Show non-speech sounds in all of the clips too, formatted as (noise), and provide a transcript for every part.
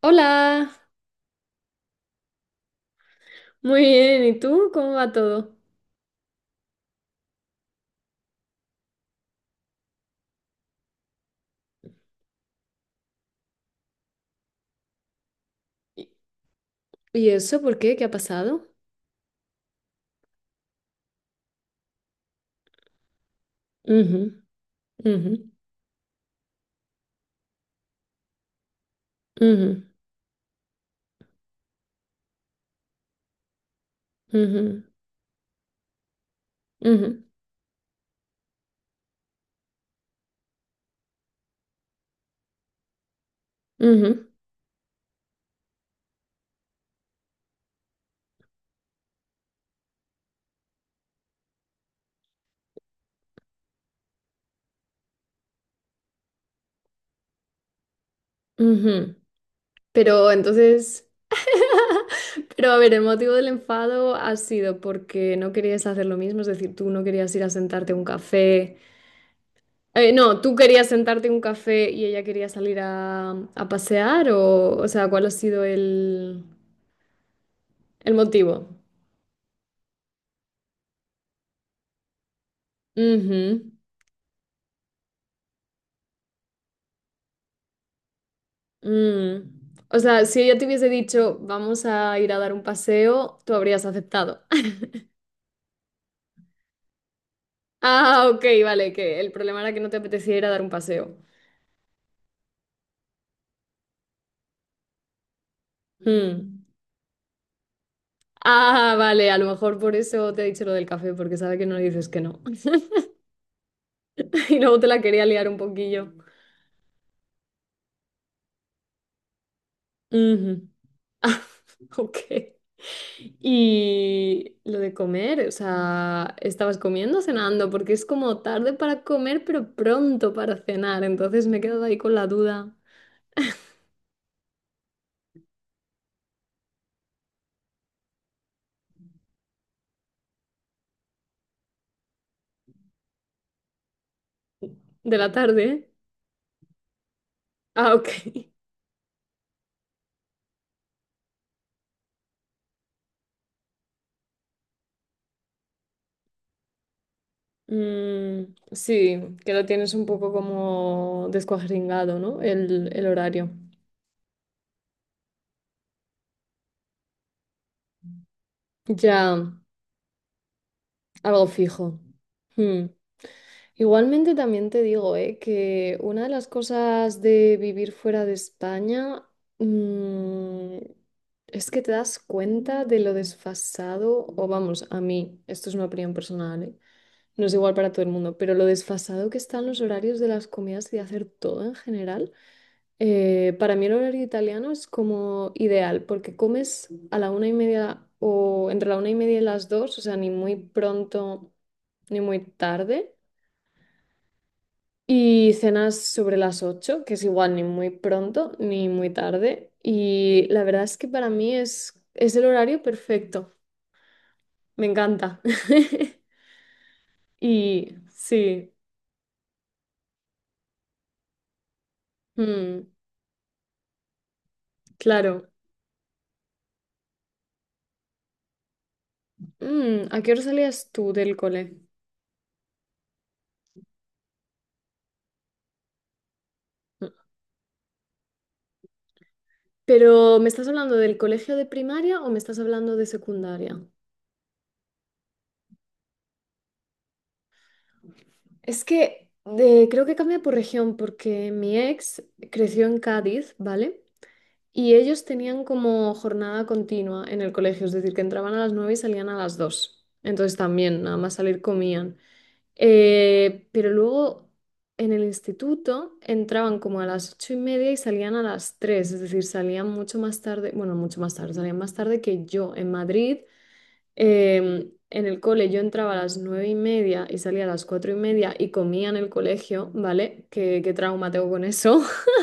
Hola, muy bien. ¿Y tú? ¿Cómo va todo? ¿Y eso por qué? ¿Qué ha pasado? Ujú, ujú, ujú, ujú, ujú, ujú, ujú. Pero entonces, (laughs) pero a ver, el motivo del enfado ha sido porque no querías hacer lo mismo, es decir, tú no querías ir a sentarte a un café. No, tú querías sentarte a un café y ella quería salir a pasear, o sea, ¿cuál ha sido el motivo? Mm. O sea, si ella te hubiese dicho, vamos a ir a dar un paseo, tú habrías aceptado. (laughs) Ah, ok, vale, que el problema era que no te apetecía ir a dar un paseo. Mm. Ah, vale, a lo mejor por eso te he dicho lo del café, porque sabe que no le dices que no. (laughs) Y luego te la quería liar un poquillo. Ujú. Ah, (laughs) ok. Y lo de comer, o sea, ¿estabas comiendo o cenando? Porque es como tarde para comer, pero pronto para cenar. Entonces me he quedado ahí con la duda. De la tarde. Ah, ok. Mm, sí, que lo tienes un poco como descuajeringado, ¿no? El horario. Ya, algo fijo. Hmm. Igualmente también te digo, que una de las cosas de vivir fuera de España, mm, es que te das cuenta de lo desfasado, o vamos, a mí, esto es una opinión personal, ¿eh? No es igual para todo el mundo, pero lo desfasado que están los horarios de las comidas y de hacer todo en general, para mí el horario italiano es como ideal, porque comes a la una y media o entre la una y media y las dos, o sea, ni muy pronto ni muy tarde, y cenas sobre las ocho, que es igual ni muy pronto ni muy tarde, y la verdad es que para mí es el horario perfecto, me encanta. (laughs) Y sí, mm, claro. Mm, ¿a qué hora salías tú del cole? Pero ¿me estás hablando del colegio de primaria o me estás hablando de secundaria? Es que Creo que cambia por región porque mi ex creció en Cádiz, ¿vale? Y ellos tenían como jornada continua en el colegio, es decir, que entraban a las 9 y salían a las 2. Entonces también, nada más salir comían. Pero luego en el instituto entraban como a las ocho y media y salían a las tres, es decir, salían mucho más tarde, bueno, mucho más tarde, salían más tarde que yo en Madrid. En el cole yo entraba a las nueve y media y salía a las cuatro y media y comía en el colegio, ¿vale? ¿Qué trauma tengo con eso? (laughs)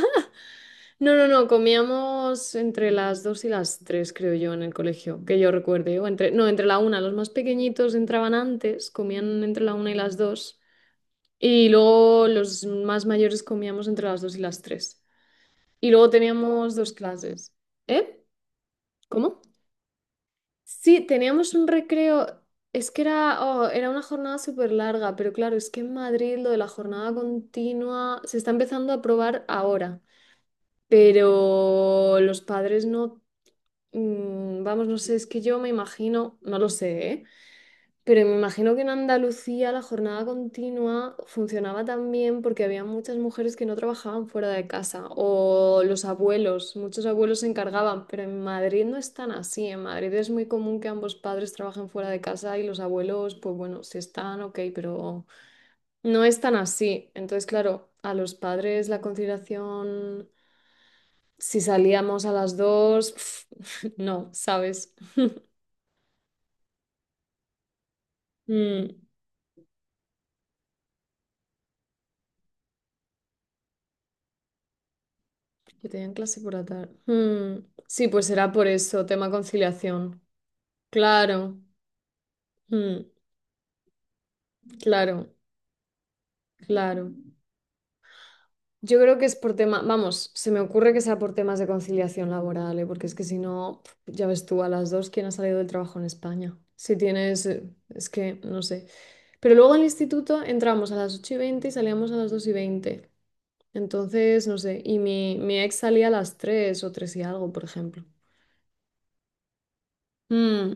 No, no, no, comíamos entre las dos y las tres, creo yo, en el colegio, que yo recuerde. O entre, no, entre la una, los más pequeñitos entraban antes, comían entre la una y las dos. Y luego los más mayores comíamos entre las 2 y las tres. Y luego teníamos dos clases. ¿Eh? ¿Cómo? Sí, teníamos un recreo. Es que era, oh, era una jornada súper larga, pero claro, es que en Madrid lo de la jornada continua se está empezando a probar ahora. Pero los padres no, mm, vamos, no sé, es que yo me imagino, no lo sé, ¿eh? Pero me imagino que en Andalucía la jornada continua funcionaba también porque había muchas mujeres que no trabajaban fuera de casa o los abuelos, muchos abuelos se encargaban, pero en Madrid no es tan así. En Madrid es muy común que ambos padres trabajen fuera de casa y los abuelos, pues bueno, si están, ok, pero no es tan así. Entonces, claro, a los padres la conciliación, si salíamos a las dos, (laughs) no, ¿sabes? Mm. Que tenían clase por la tarde. Mm, sí, pues será por eso, tema conciliación. Claro, mm, claro, claro. Yo creo que es por tema, vamos, se me ocurre que sea por temas de conciliación laboral, ¿eh? Porque es que si no, pf, ya ves tú a las dos quién ha salido del trabajo en España. Si tienes, es que no sé. Pero luego al instituto entramos a las 8 y 20 y salíamos a las 2 y 20. Entonces, no sé, y mi ex salía a las 3 o 3 y algo, por ejemplo. Mm,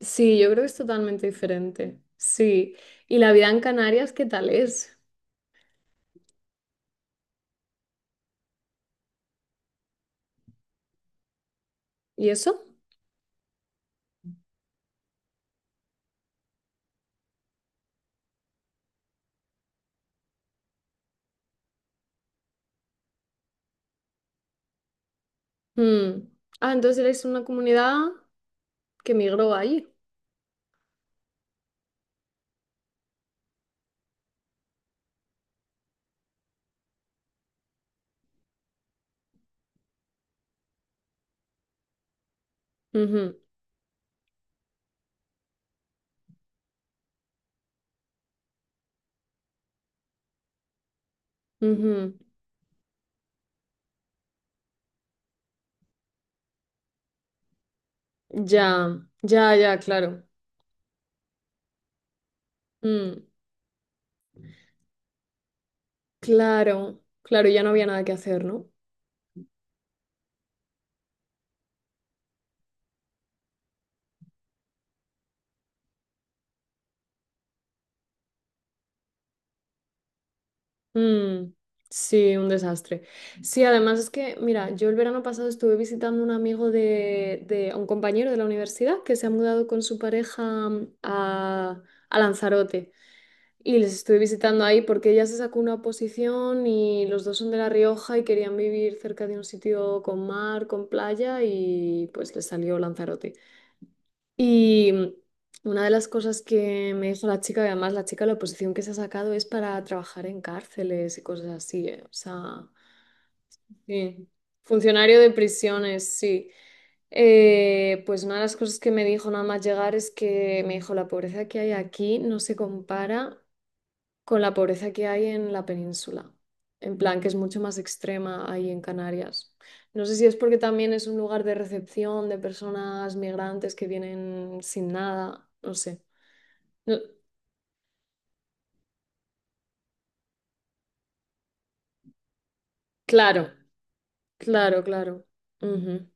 sí, yo creo que es totalmente diferente. Sí. ¿Y la vida en Canarias qué tal es? ¿Y eso? Mm. Ah, entonces eres una comunidad que migró allí. Ujú, ujú. Ya, ya, ya, claro. Mm, claro, claro, ya no había nada que hacer, ¿no? Mm, sí, un desastre. Sí, además es que, mira, yo el verano pasado estuve visitando un amigo de- un compañero de la universidad que se ha mudado con su pareja mm, a Lanzarote. Y les estuve visitando ahí porque ella se sacó una oposición y los dos son de La Rioja y querían vivir cerca de un sitio con mar, con playa y pues les salió Lanzarote. Y mm, una de las cosas que me dijo la chica, y además la chica, la oposición que se ha sacado es para trabajar en cárceles y cosas así, ¿eh? O sea, sí. Funcionario de prisiones, sí. Pues una de las cosas que me dijo nada más llegar es que me dijo, la pobreza que hay aquí no se compara con la pobreza que hay en la península. En plan, que es mucho más extrema ahí en Canarias. No sé si es porque también es un lugar de recepción de personas migrantes que vienen sin nada, no sé. No- claro, claro, claro. Ujú,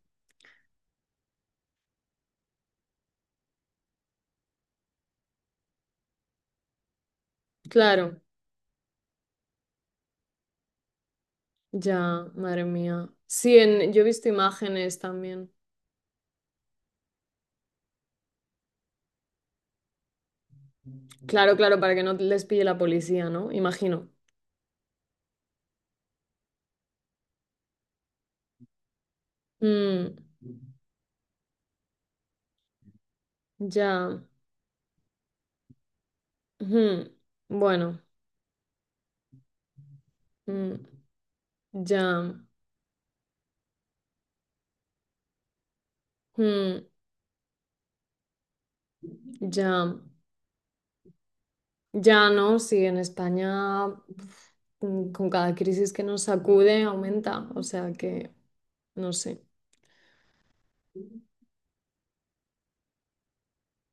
claro, ya, madre mía. Sí, en, yo he visto imágenes también. Claro, claro, para que no les pille la policía, ¿no? Imagino. Mm, ya. Ujú, bueno, mm, ya. Mm. Ya, ya no, sí, en España uf, mm, con cada crisis que nos sacude aumenta, o sea que no sé.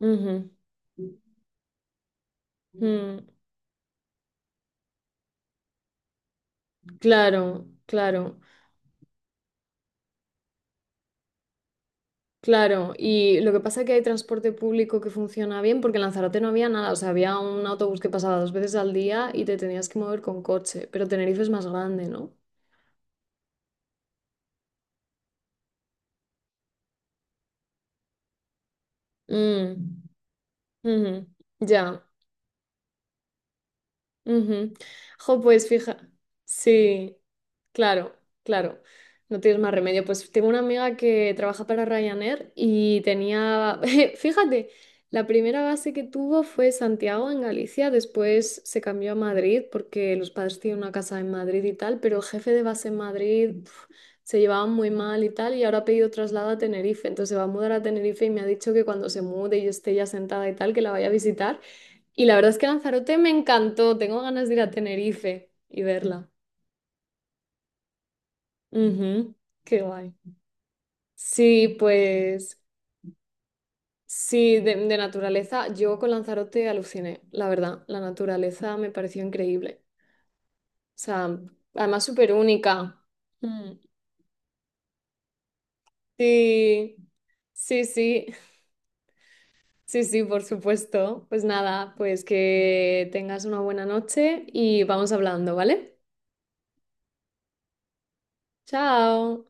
Ujú, mm, claro, claro, claro. Y lo que pasa es que hay transporte público que funciona bien porque en Lanzarote no había nada, o sea, había un autobús que pasaba dos veces al día y te tenías que mover con coche, pero Tenerife es más grande, ¿no? Mm, ujú, ya, ujú. Jo, pues fija, sí, claro, claro, no tienes más remedio. Pues tengo una amiga que trabaja para Ryanair y tenía, (laughs) fíjate, la primera base que tuvo fue Santiago en Galicia, después se cambió a Madrid porque los padres tienen una casa en Madrid y tal, pero el jefe de base en Madrid pf, se llevaban muy mal y tal y ahora ha pedido traslado a Tenerife, entonces se va a mudar a Tenerife y me ha dicho que cuando se mude y yo esté ya sentada y tal, que la vaya a visitar. Y la verdad es que Lanzarote me encantó. Tengo ganas de ir a Tenerife y verla. Ujú, qué guay. Sí, pues sí, de naturaleza. Yo con Lanzarote aluciné, la verdad. La naturaleza me pareció increíble. O sea, además súper única. Mm, sí, sí, sí. (laughs) Sí, sí, por supuesto. Pues nada, pues que tengas una buena noche y vamos hablando, ¿vale? Chao.